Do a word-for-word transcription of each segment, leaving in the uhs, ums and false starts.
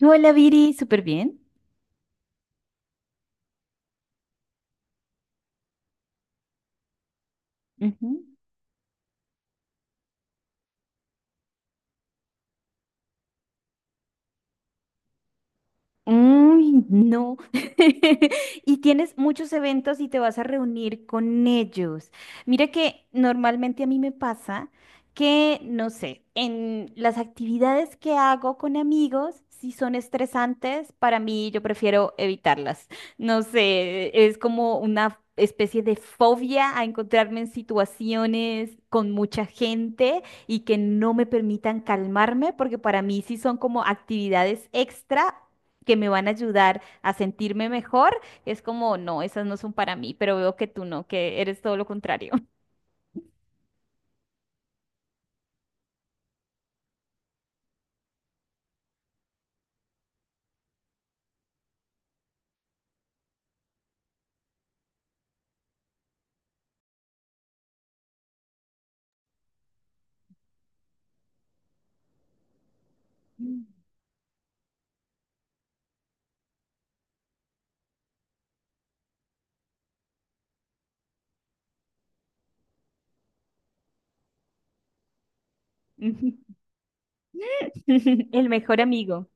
Hola Viri, súper bien. Ujú. Uy, no. Y tienes muchos eventos y te vas a reunir con ellos. Mira que normalmente a mí me pasa que, no sé, en las actividades que hago con amigos, si son estresantes, para mí yo prefiero evitarlas. No sé, es como una especie de fobia a encontrarme en situaciones con mucha gente y que no me permitan calmarme, porque para mí sí son como actividades extra que me van a ayudar a sentirme mejor, es como, no, esas no son para mí, pero veo que tú no, que eres todo lo contrario. El mejor amigo.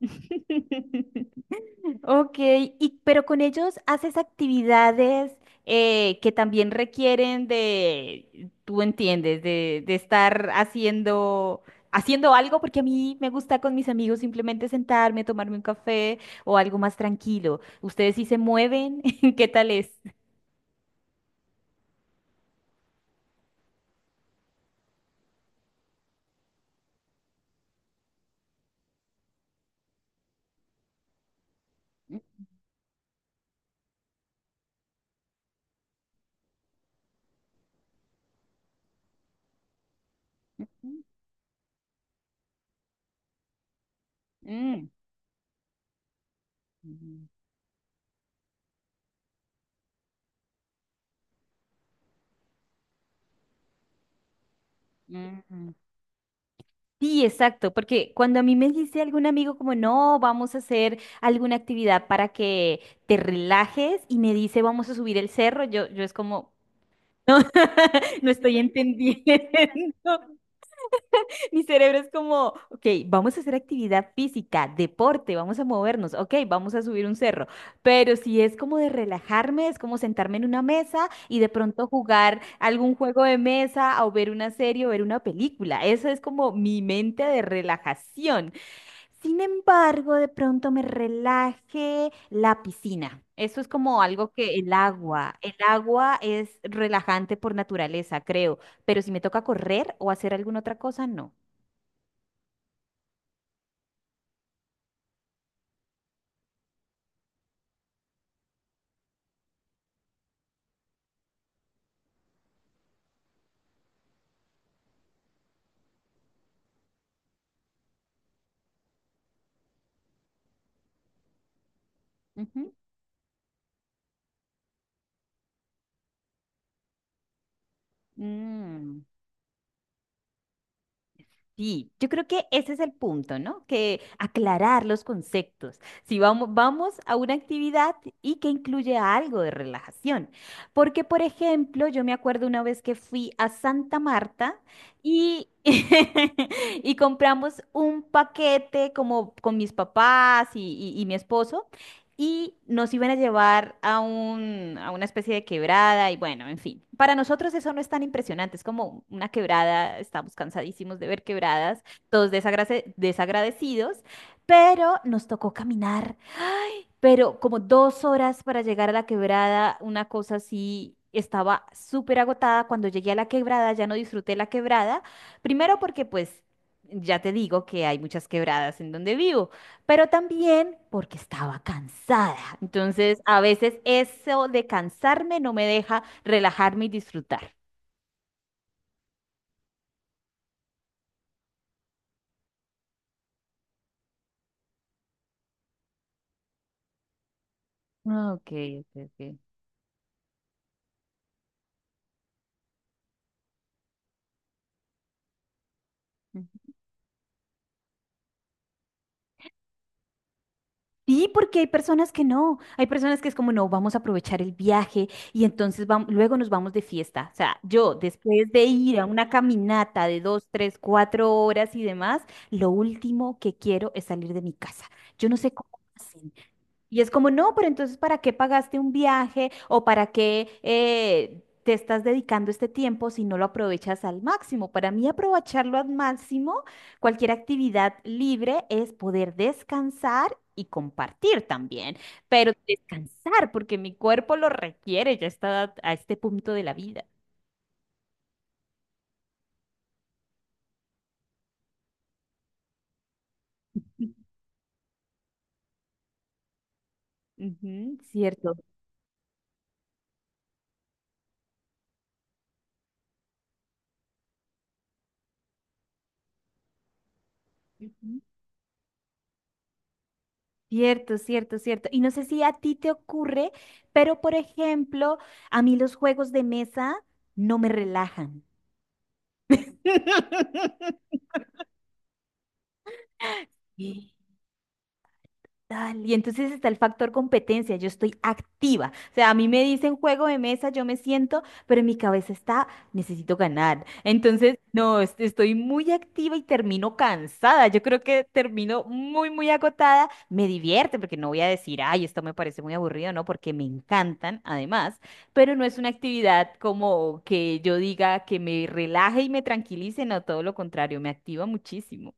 Ok, y, pero con ellos haces actividades eh, que también requieren de, tú entiendes, de, de estar haciendo, haciendo algo, porque a mí me gusta con mis amigos simplemente sentarme, tomarme un café o algo más tranquilo. ¿Ustedes sí se mueven? ¿Qué tal es? Mm, mm, mm, mm. Sí, exacto, porque cuando a mí me dice algún amigo como, no, vamos a hacer alguna actividad para que te relajes y me dice, vamos a subir el cerro, yo, yo es como, no estoy entendiendo. Mi cerebro es como, ok, vamos a hacer actividad física, deporte, vamos a movernos, ok, vamos a subir un cerro, pero si es como de relajarme, es como sentarme en una mesa y de pronto jugar algún juego de mesa o ver una serie o ver una película, eso es como mi mente de relajación. Sin embargo, de pronto me relaje la piscina. Eso es como algo que el agua, el agua es relajante por naturaleza, creo, pero si me toca correr o hacer alguna otra cosa, no. Ujú. Mm. Sí, yo creo que ese es el punto, ¿no? Que aclarar los conceptos. Si vamos, vamos a una actividad y que incluye algo de relajación. Porque, por ejemplo, yo me acuerdo una vez que fui a Santa Marta y, y compramos un paquete como con mis papás y, y- y mi esposo y nos iban a llevar a un, a una especie de quebrada y bueno, en fin. Para nosotros eso no es tan impresionante, es como una quebrada, estamos cansadísimos de ver quebradas, todos desagrade- desagradecidos, pero nos tocó caminar pero como dos horas para llegar a la quebrada, una cosa así, estaba súper agotada. Cuando llegué a la quebrada ya no disfruté la quebrada, primero porque pues ya te digo que hay muchas quebradas en donde vivo, pero también porque estaba cansada. Entonces, a veces eso de cansarme no me deja relajarme y disfrutar. Ah, ok, ok, ok. Sí, porque hay personas que no, hay personas que es como, no, vamos a aprovechar el viaje y entonces vam- luego nos vamos de fiesta. O sea, yo después de ir a una caminata de dos, tres, cuatro horas y demás, lo último que quiero es salir de mi casa. Yo no sé cómo hacen. Y es como, no, pero entonces, ¿para qué pagaste un viaje o para qué eh, te estás dedicando este tiempo si no lo aprovechas al máximo? Para mí, aprovecharlo al máximo, cualquier actividad libre es poder descansar y compartir también, pero descansar porque mi cuerpo lo requiere ya está a este punto de la vida. Ujú, cierto. Ujú. Cierto, cierto, cierto. Y no sé si a ti te ocurre, pero por ejemplo, a mí los juegos de mesa no me relajan. Tal, Y entonces está el factor competencia, yo estoy activa. O sea, a mí me dicen juego de mesa, yo me siento, pero en mi cabeza está, necesito ganar. Entonces, no, est- estoy muy activa y termino cansada. Yo creo que termino muy, muy agotada. Me divierte porque no voy a decir, ay, esto me parece muy aburrido, no, porque me encantan además, pero no es una actividad como que yo diga que me relaje y me tranquilice, no, todo lo contrario, me activa muchísimo.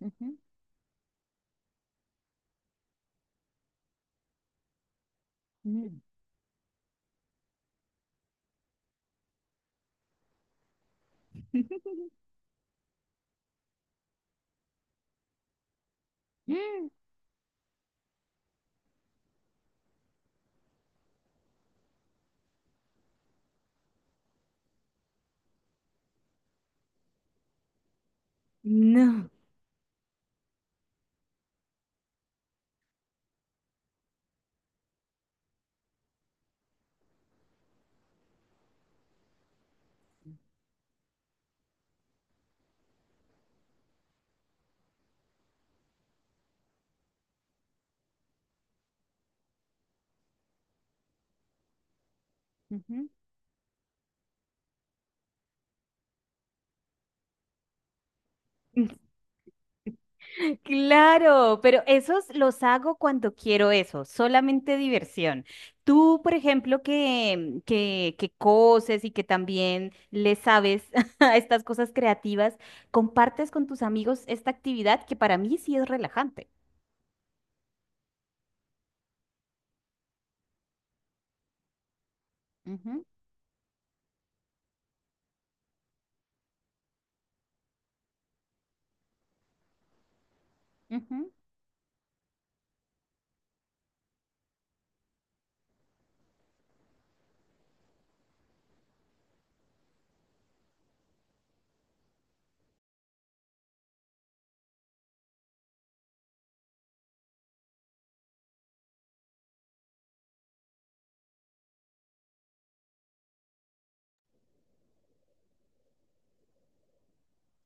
Ujú. Mm. No. Ujú. Claro, pero esos los hago cuando quiero eso, solamente diversión. Tú, por ejemplo, que, que, que coses y que también le sabes a estas cosas creativas, compartes con tus amigos esta actividad que para mí sí es relajante. Ujú, ujú.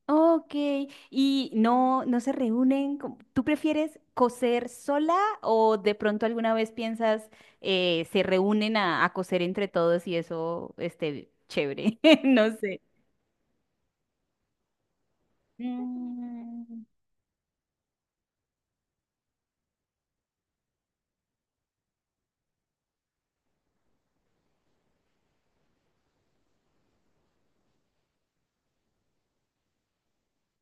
Ok, y no, no se reúnen. como- ¿Tú prefieres coser sola o de pronto alguna vez piensas eh, se reúnen a, a coser entre todos y eso esté chévere? No sé. Mm.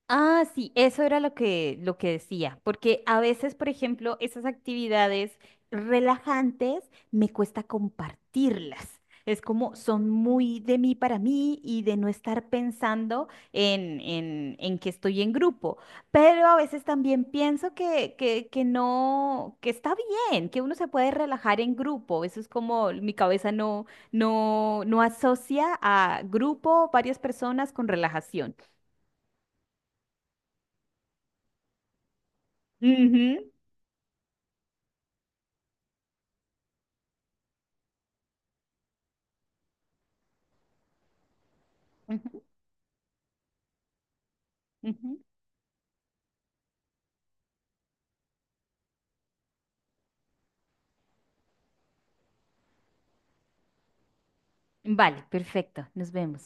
Ah, sí, eso era lo que, lo que decía, porque a veces, por ejemplo, esas actividades relajantes me cuesta compartirlas. Es como son muy de mí para mí y de no estar pensando en, en, en que estoy en grupo. Pero a veces también pienso que, que, que no, que está bien, que uno se puede relajar en grupo. Eso es como mi cabeza no, no, no asocia a grupo, varias personas con relajación. Ujú, ujú. Vale, perfecto. Nos vemos.